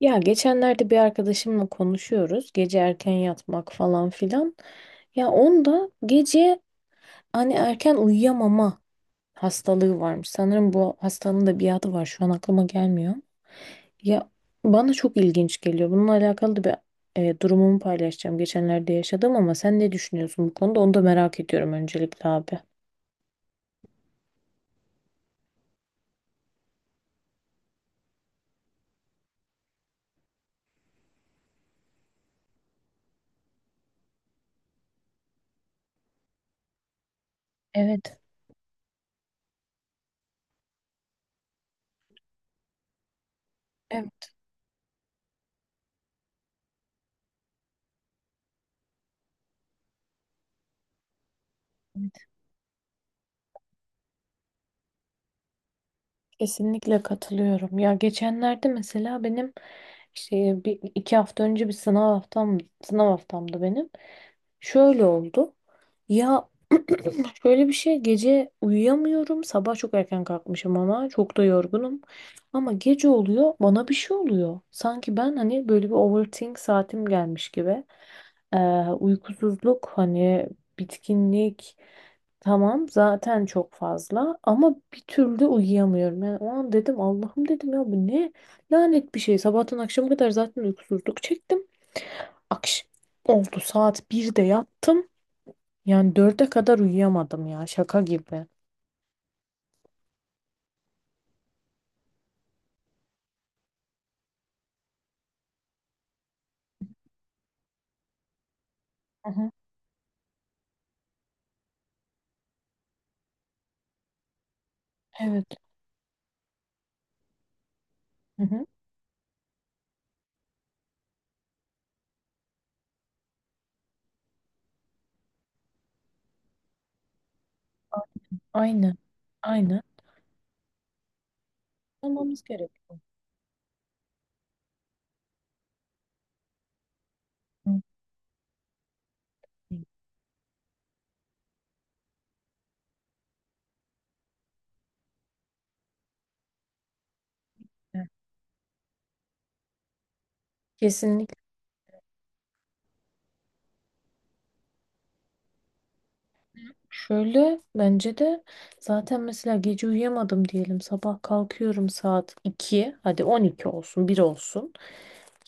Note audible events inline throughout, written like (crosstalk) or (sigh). Ya geçenlerde bir arkadaşımla konuşuyoruz. Gece erken yatmak falan filan. Ya onda gece hani erken uyuyamama hastalığı varmış. Sanırım bu hastalığın da bir adı var. Şu an aklıma gelmiyor. Ya bana çok ilginç geliyor. Bununla alakalı da bir durumumu paylaşacağım. Geçenlerde yaşadım ama sen ne düşünüyorsun bu konuda? Onu da merak ediyorum öncelikle abi. Evet. Kesinlikle katılıyorum. Ya geçenlerde mesela benim işte bir, iki hafta önce bir sınav haftamdı benim. Şöyle oldu. Ya (clears throat) şöyle bir şey gece uyuyamıyorum. Sabah çok erken kalkmışım ama çok da yorgunum. Ama gece oluyor bana bir şey oluyor. Sanki ben hani böyle bir overthink saatim gelmiş gibi. Ee, uykusuzluk hani bitkinlik tamam zaten çok fazla ama bir türlü uyuyamıyorum. Yani o an dedim Allah'ım dedim ya bu ne lanet bir şey. Sabahtan akşama kadar zaten uykusuzluk çektim. Akş oldu saat birde yattım. Yani dörde kadar uyuyamadım ya şaka gibi. Hı hı. Evet. Hı hı. Aynı. Aynı. Olmamız gerekiyor. Hı. Hı. Evet. Kesinlikle. Şöyle bence de zaten mesela gece uyuyamadım diyelim sabah kalkıyorum saat 2. Hadi 12 olsun bir olsun.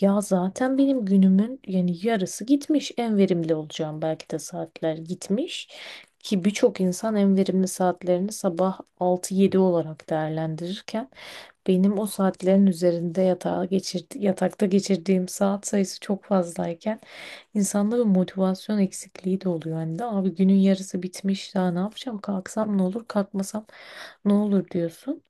Ya zaten benim günümün yani yarısı gitmiş en verimli olacağım belki de saatler gitmiş. Ki birçok insan en verimli saatlerini sabah altı yedi olarak değerlendirirken benim o saatlerin üzerinde yatakta geçirdiğim saat sayısı çok fazlayken insanda bir motivasyon eksikliği de oluyor. Hani de abi günün yarısı bitmiş daha ne yapacağım kalksam ne olur kalkmasam ne olur diyorsun.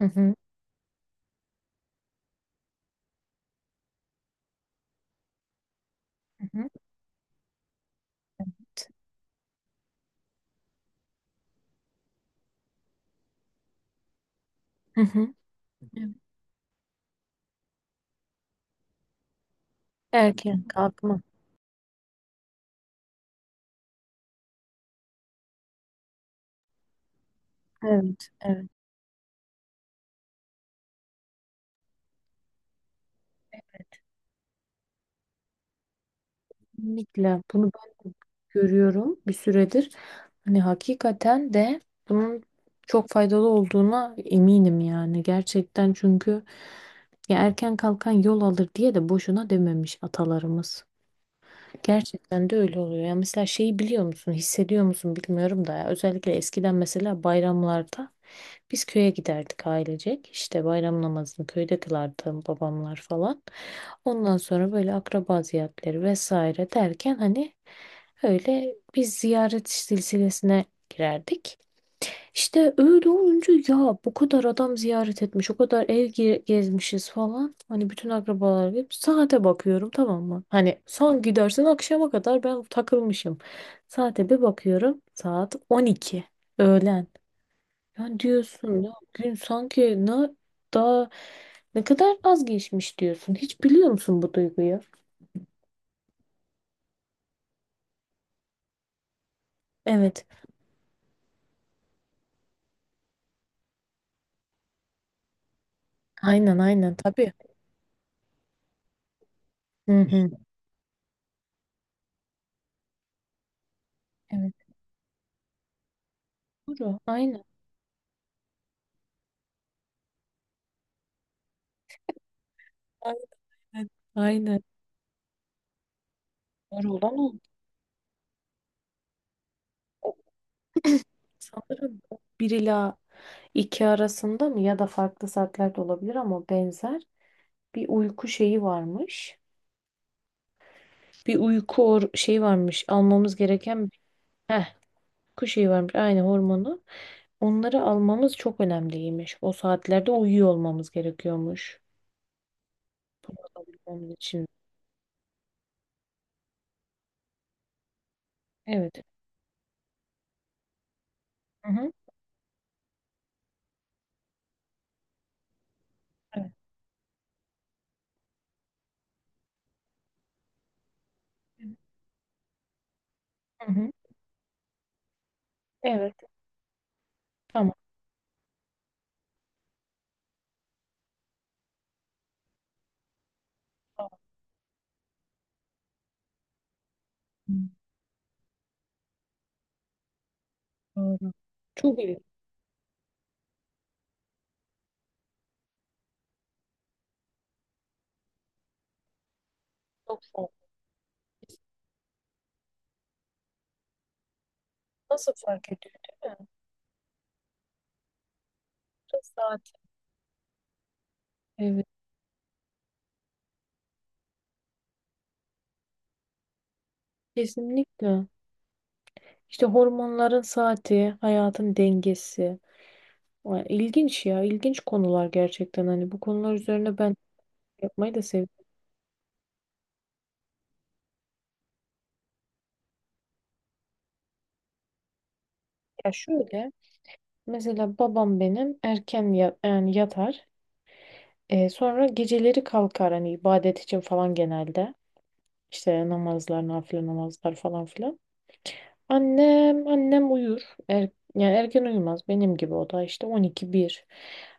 Hı hı. Hı hı. Evet. Hı hı. Evet. Erken kalkma. Evet, evet. Kesinlikle bunu ben de görüyorum bir süredir. Hani hakikaten de bunun çok faydalı olduğuna eminim yani gerçekten çünkü ya erken kalkan yol alır diye de boşuna dememiş atalarımız. Gerçekten de öyle oluyor. Ya mesela şeyi biliyor musun, hissediyor musun bilmiyorum da ya. Özellikle eskiden mesela bayramlarda biz köye giderdik ailecek. İşte bayram namazını köyde kılardı babamlar falan. Ondan sonra böyle akraba ziyaretleri vesaire derken hani öyle bir ziyaret silsilesine girerdik. İşte öyle olunca ya bu kadar adam ziyaret etmiş, o kadar ev gezmişiz falan. Hani bütün akrabalar hep saate bakıyorum tamam mı? Hani son gidersin akşama kadar ben takılmışım. Saate bir bakıyorum saat 12 öğlen. Yani diyorsun ya gün sanki ne daha ne kadar az geçmiş diyorsun. Hiç biliyor musun bu duyguyu? Evet. Aynen aynen tabii. Hı hı. Evet. Doğru. Aynen. Aynen. Aynen. Doğru olan o. O sanırım o bir ila iki arasında mı ya da farklı saatlerde olabilir ama benzer bir uyku şeyi varmış. Bir uyku şeyi varmış. Almamız gereken bir heh, uyku şeyi varmış. Aynı hormonu. Onları almamız çok önemliymiş. O saatlerde uyuyor olmamız gerekiyormuş. Bunu alabilmemiz için. Evet. Hı hı. Evet. Hı hı. Evet. Tamam. Tamam. Doğru. Çok iyi. Çok sağ ol. Nasıl fark ediyor değil mi? Saat. Evet. Kesinlikle. İşte hormonların saati, hayatın dengesi. Vay, İlginç ya. İlginç konular gerçekten. Hani bu konular üzerine ben yapmayı da seviyorum. Ya şöyle. Mesela babam benim erken yani yatar. E, sonra geceleri kalkar. Hani ibadet için falan genelde. İşte namazlar, nafile namazlar falan filan. Annem, annem uyur. Yani erken uyumaz benim gibi o da işte 12-1.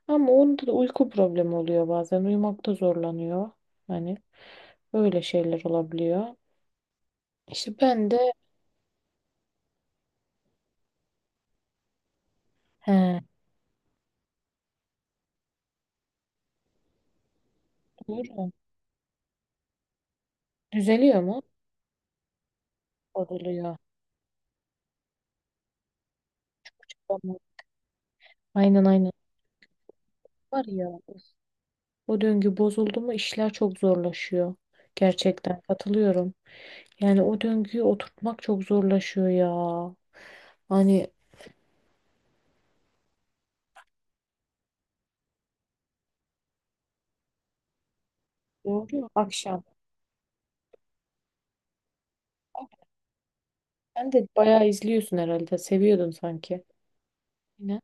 Ama onda da uyku problemi oluyor bazen. Uyumakta zorlanıyor. Hani öyle şeyler olabiliyor. İşte ben de he, uyurum. Düzeliyor mu? Bozuluyor. Tamam. Aynen aynen. Var ya of, o döngü bozuldu mu işler çok zorlaşıyor. Gerçekten katılıyorum. Yani o döngüyü oturtmak çok zorlaşıyor ya. Hani doğru akşam. Sen de bayağı izliyorsun herhalde. Seviyordun sanki. Yine.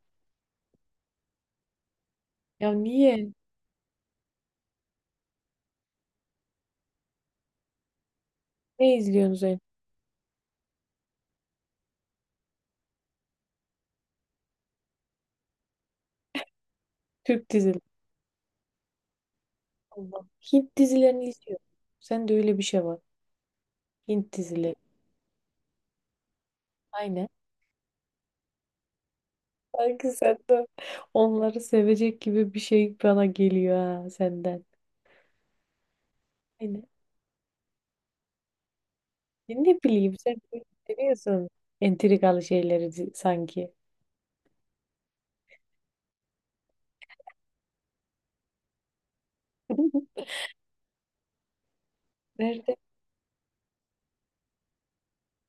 Ya niye? Ne izliyorsun sen? Türk dizileri. Allah. Hint dizilerini izliyorum. Sen de öyle bir şey var. Hint dizileri. Aynen. Sanki sen de onları sevecek gibi bir şey bana geliyor ha senden. Aynen. Ya ne bileyim sen böyle seviyorsun. Entrikalı şeyleri sanki. (laughs) Nerede?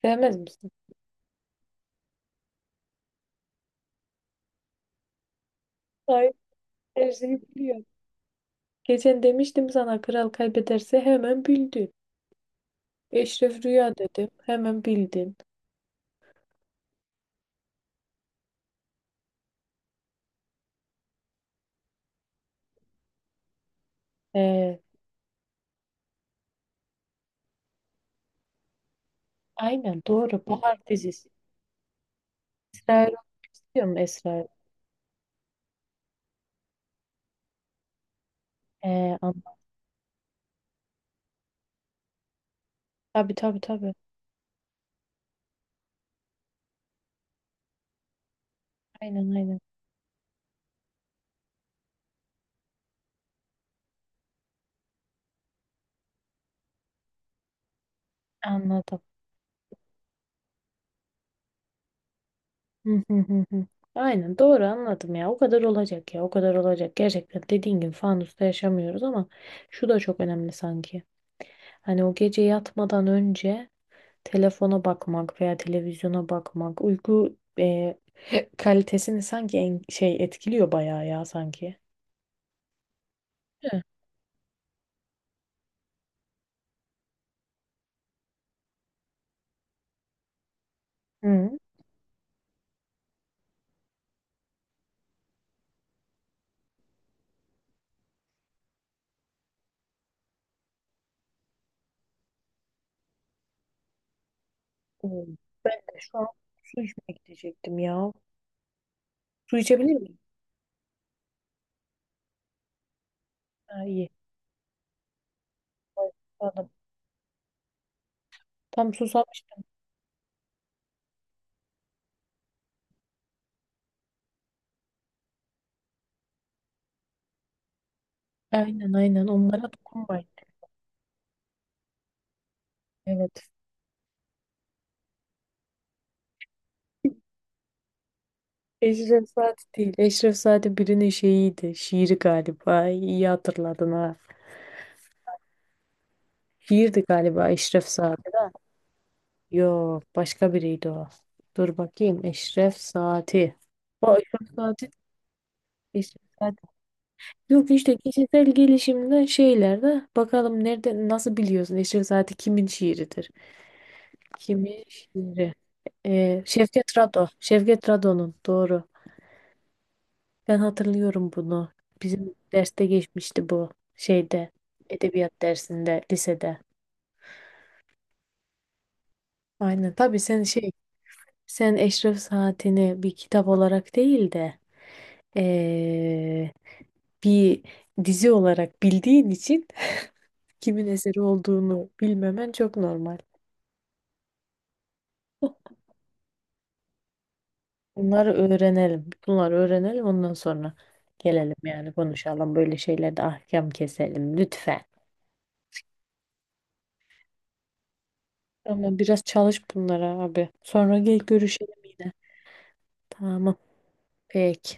Sevmez misin? Hayır. Her şeyi biliyorum. Geçen demiştim sana kral kaybederse hemen bildi. Eşref Rüya dedim. Hemen bildin. Ee, aynen doğru. Bahar dizisi. Esra Erol biliyor musun Esra Erol? Ee, an- tabii tabii tabii. Aynen aynen. Anladım. Hı hı hı hı. Aynen doğru anladım ya. O kadar olacak ya. O kadar olacak. Gerçekten dediğin gibi fanusta yaşamıyoruz ama şu da çok önemli sanki. Hani o gece yatmadan önce telefona bakmak veya televizyona bakmak uyku kalitesini sanki şey etkiliyor bayağı ya sanki. Hı. Hı. Oo, ben de şu an su içmeye gidecektim ya. Su içebilir miyim? Ha, iyi. Ay, anladım. Tam susamıştım. Aynen aynen onlara dokunmayın. Evet. Eşref Saati değil. Eşref Saati birinin şeyiydi. Şiiri galiba. İyi hatırladın ha. Şiirdi galiba Eşref Saati. Yok başka biriydi o. Dur bakayım. Eşref Saati. O Eşref Saati. Eşref Saati. Yok işte kişisel gelişimden şeylerde bakalım nerede nasıl biliyorsun Eşref Saati kimin şiiridir? Kimi şiiri? Şevket Rado. Şevket Rado'nun doğru. Ben hatırlıyorum bunu. Bizim derste geçmişti bu şeyde. Edebiyat dersinde lisede. Aynen. Tabii sen şey sen Eşref Saatini bir kitap olarak değil de ee, bir dizi olarak bildiğin için (laughs) kimin eseri olduğunu bilmemen çok normal. Bunları öğrenelim. Bunları öğrenelim ondan sonra gelelim yani konuşalım. Böyle şeylerde ahkam keselim lütfen. Ama biraz çalış bunlara abi. Sonra gel görüşelim yine. Tamam. Peki.